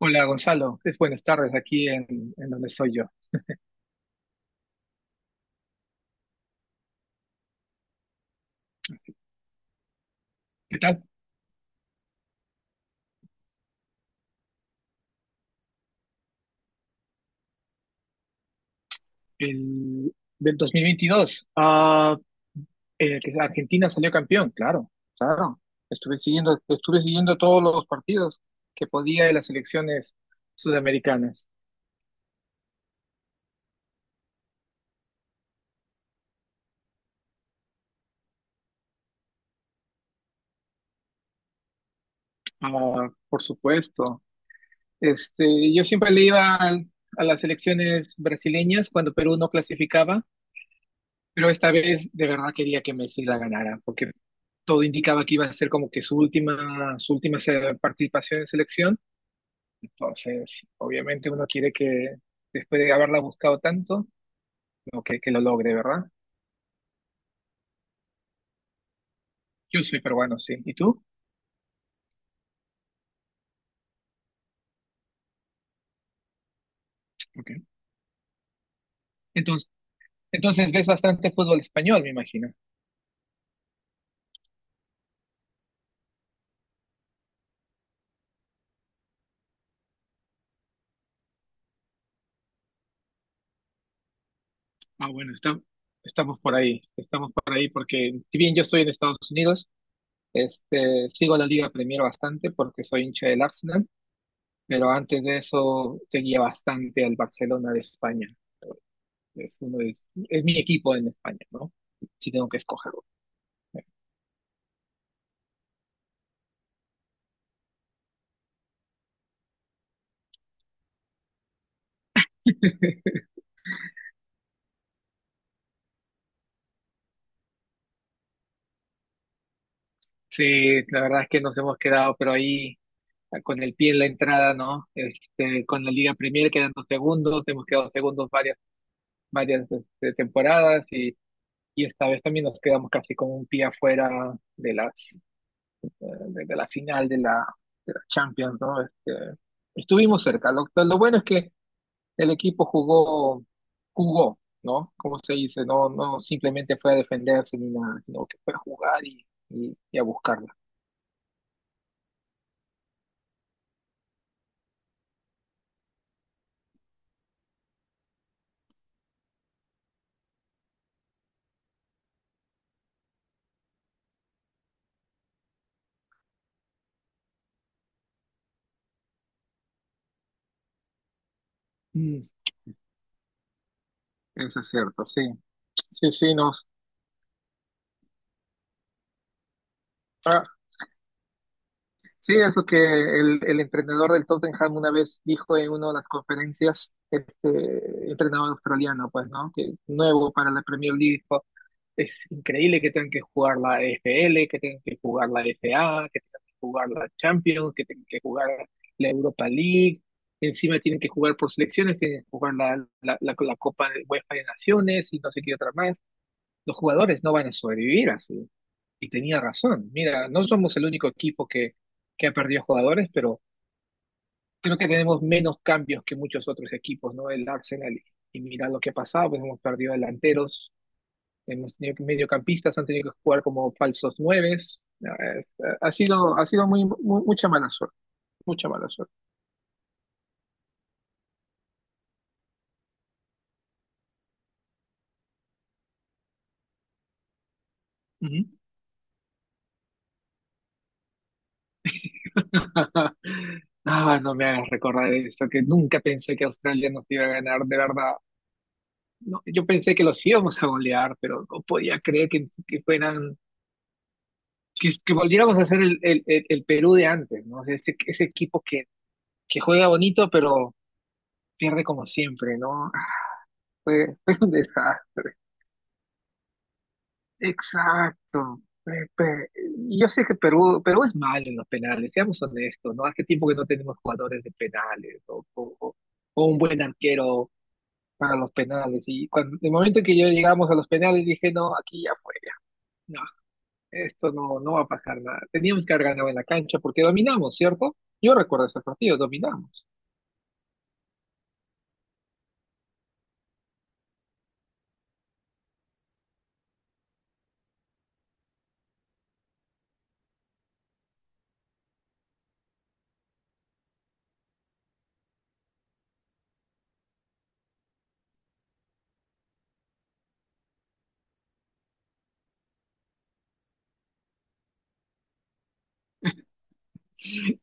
Hola Gonzalo, es buenas tardes aquí en donde estoy yo. ¿Qué tal? El, Del 2022, que Argentina salió campeón, claro. Estuve siguiendo todos los partidos que podía de las selecciones sudamericanas. Ah, por supuesto. Este, yo siempre a las selecciones brasileñas cuando Perú no clasificaba, pero esta vez de verdad quería que Messi la ganara, porque todo indicaba que iba a ser como que su participación en selección. Entonces, obviamente uno quiere que después de haberla buscado tanto, como que lo logre, ¿verdad? Yo soy peruano, sí. ¿Y tú? Ok. Entonces, entonces ves bastante fútbol español, me imagino. Ah, bueno, está. Estamos por ahí porque si bien yo estoy en Estados Unidos, este, sigo la Liga Premier bastante porque soy hincha del Arsenal, pero antes de eso seguía bastante al Barcelona de España. Es, uno de- es mi equipo en España, ¿no? Si tengo que escogerlo. Sí, la verdad es que nos hemos quedado, pero ahí con el pie en la entrada, ¿no? Este, con la Liga Premier quedando segundos, hemos quedado segundos varias este, temporadas y esta vez también nos quedamos casi con un pie afuera de las, de la final de la Champions, ¿no? Este, estuvimos cerca. Lo bueno es que el equipo jugó, ¿no? Como se dice, no, no simplemente fue a defenderse ni nada, sino que fue a jugar y a buscarla. Mm, eso es cierto, sí. Sí, sí, nos. Ah, sí, es que el entrenador del Tottenham una vez dijo en una de las conferencias, este entrenador australiano, pues, ¿no? Que nuevo para la Premier League, es increíble que tengan que jugar la EFL, que tengan que jugar la FA, que tengan que jugar la Champions, que tengan que jugar la Europa League. Encima tienen que jugar por selecciones, tienen que jugar la Copa de UEFA de Naciones y no sé qué otra más. Los jugadores no van a sobrevivir así. Y tenía razón. Mira, no somos el único equipo que ha perdido jugadores, pero creo que tenemos menos cambios que muchos otros equipos, ¿no? El Arsenal. Y mira lo que ha pasado, pues hemos perdido delanteros, hemos tenido mediocampistas han tenido que jugar como falsos nueves. Ha sido muy, mucha mala suerte, mucha mala suerte. Ujú. Ah, no me hagas recordar esto, que nunca pensé que Australia nos iba a ganar, de verdad. No, yo pensé que los íbamos a golear, pero no podía creer que fueran, que volviéramos a ser el Perú de antes, ¿no? O sea, ese equipo que juega bonito, pero pierde como siempre, ¿no? Fue un desastre. Exacto. Yo sé que Perú es malo en los penales, seamos honestos, ¿no? Hace tiempo que no tenemos jugadores de penales o un buen arquero para los penales. Y cuando, el momento que yo llegamos a los penales dije, no, aquí ya fue, ya. No, esto no, no va a pasar nada. Teníamos que haber ganado en la cancha porque dominamos, ¿cierto? Yo recuerdo ese partido, dominamos.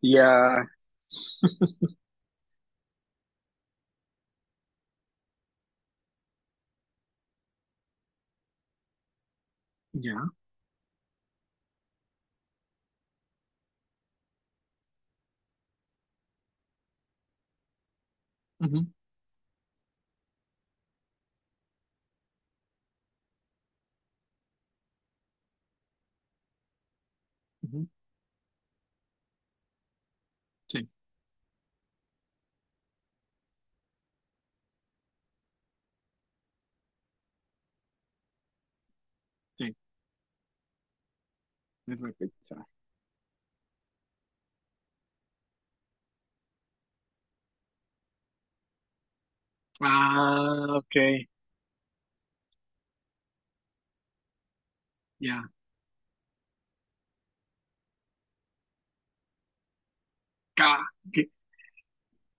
Ya. Ya. Ujú, ujú. Sí, sí, es repechaje. Ah, ok, ya. K,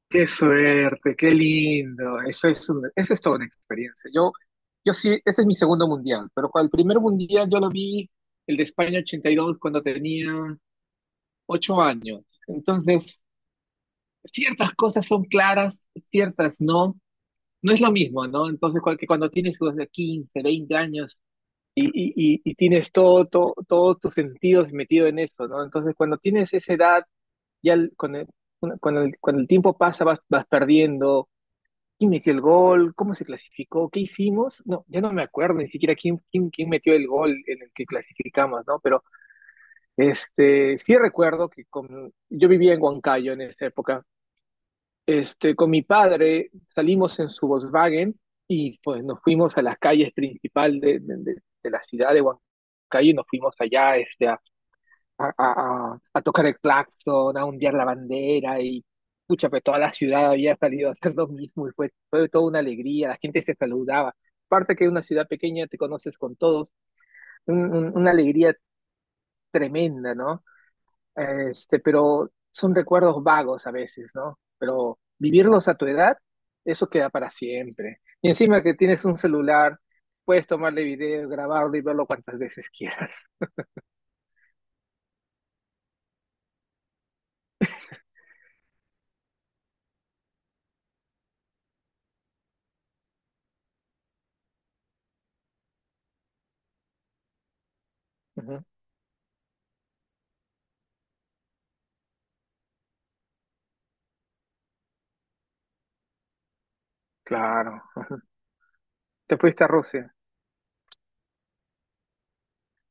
qué suerte, qué lindo. Eso es toda una experiencia. Yo sí, este es mi segundo mundial, pero el primer mundial yo lo vi, el de España 82 cuando tenía ocho años. Entonces, ciertas cosas son claras, ciertas no. No es lo mismo, ¿no? Entonces, que cuando tienes los de 15, 20 años y, y tienes todo, todos tus sentidos metido en eso, ¿no? Entonces, cuando tienes esa edad, con con el tiempo pasa, vas perdiendo. ¿Quién metió el gol? ¿Cómo se clasificó? ¿Qué hicimos? No, ya no me acuerdo ni siquiera quién metió el gol en el que clasificamos, ¿no? Pero este, sí recuerdo que con, yo vivía en Huancayo en esa época. Este, con mi padre salimos en su Volkswagen y pues nos fuimos a las calles principal de la ciudad de Huancayo y nos fuimos allá este, a tocar el claxon, a ondear la bandera y pucha, pues toda la ciudad había salido a hacer lo mismo y fue toda una alegría, la gente se saludaba. Aparte que en una ciudad pequeña te conoces con todos, una alegría tremenda, ¿no? Este, pero son recuerdos vagos a veces, ¿no? Pero vivirlos a tu edad, eso queda para siempre. Y encima que tienes un celular, puedes tomarle video, grabarlo y verlo cuantas veces quieras. Ujú, claro. Te fuiste a Rusia.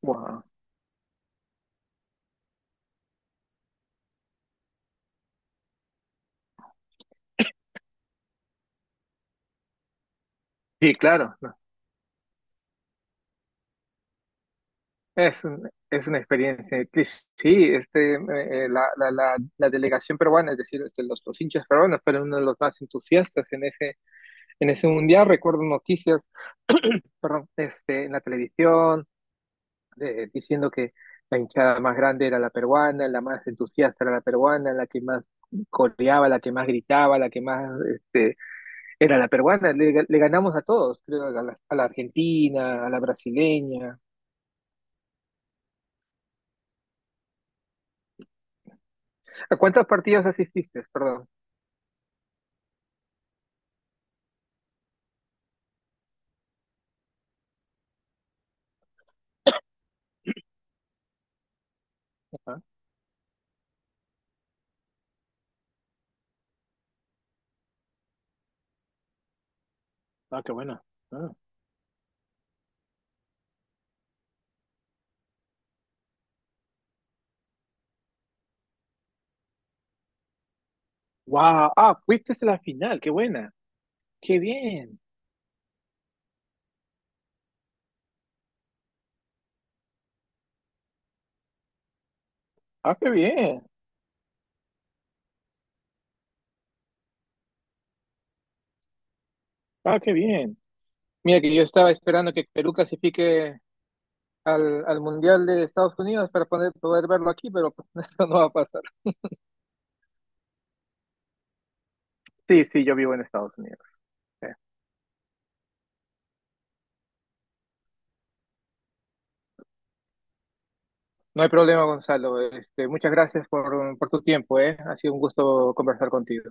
Wow. Sí, claro, no, es un- es una experiencia. Cris. Sí, este, eh, la, la delegación peruana, es decir, este, los hinchas peruanos fueron uno de los más entusiastas en ese mundial. Recuerdo noticias, perdón, este, en la televisión diciendo que la hinchada más grande era la peruana, la más entusiasta era la peruana, la que más coreaba, la que más gritaba, la que más este, era la peruana. Le ganamos a todos, creo, a la argentina, a la brasileña. ¿A cuántos partidos asististe? Perdón. Ah, ah, qué buena. Ah. Wow, ah, fuiste a la final, qué buena. Qué bien. Ah, qué bien. Ah, qué bien. Mira que yo estaba esperando que Perú clasifique al Mundial de Estados Unidos para poder, poder verlo aquí, pero pues, eso no va a pasar. Sí, sí, yo vivo en Estados Unidos. Eh, No hay problema, Gonzalo. Este, muchas gracias por tu tiempo, ¿eh? Ha sido un gusto conversar contigo.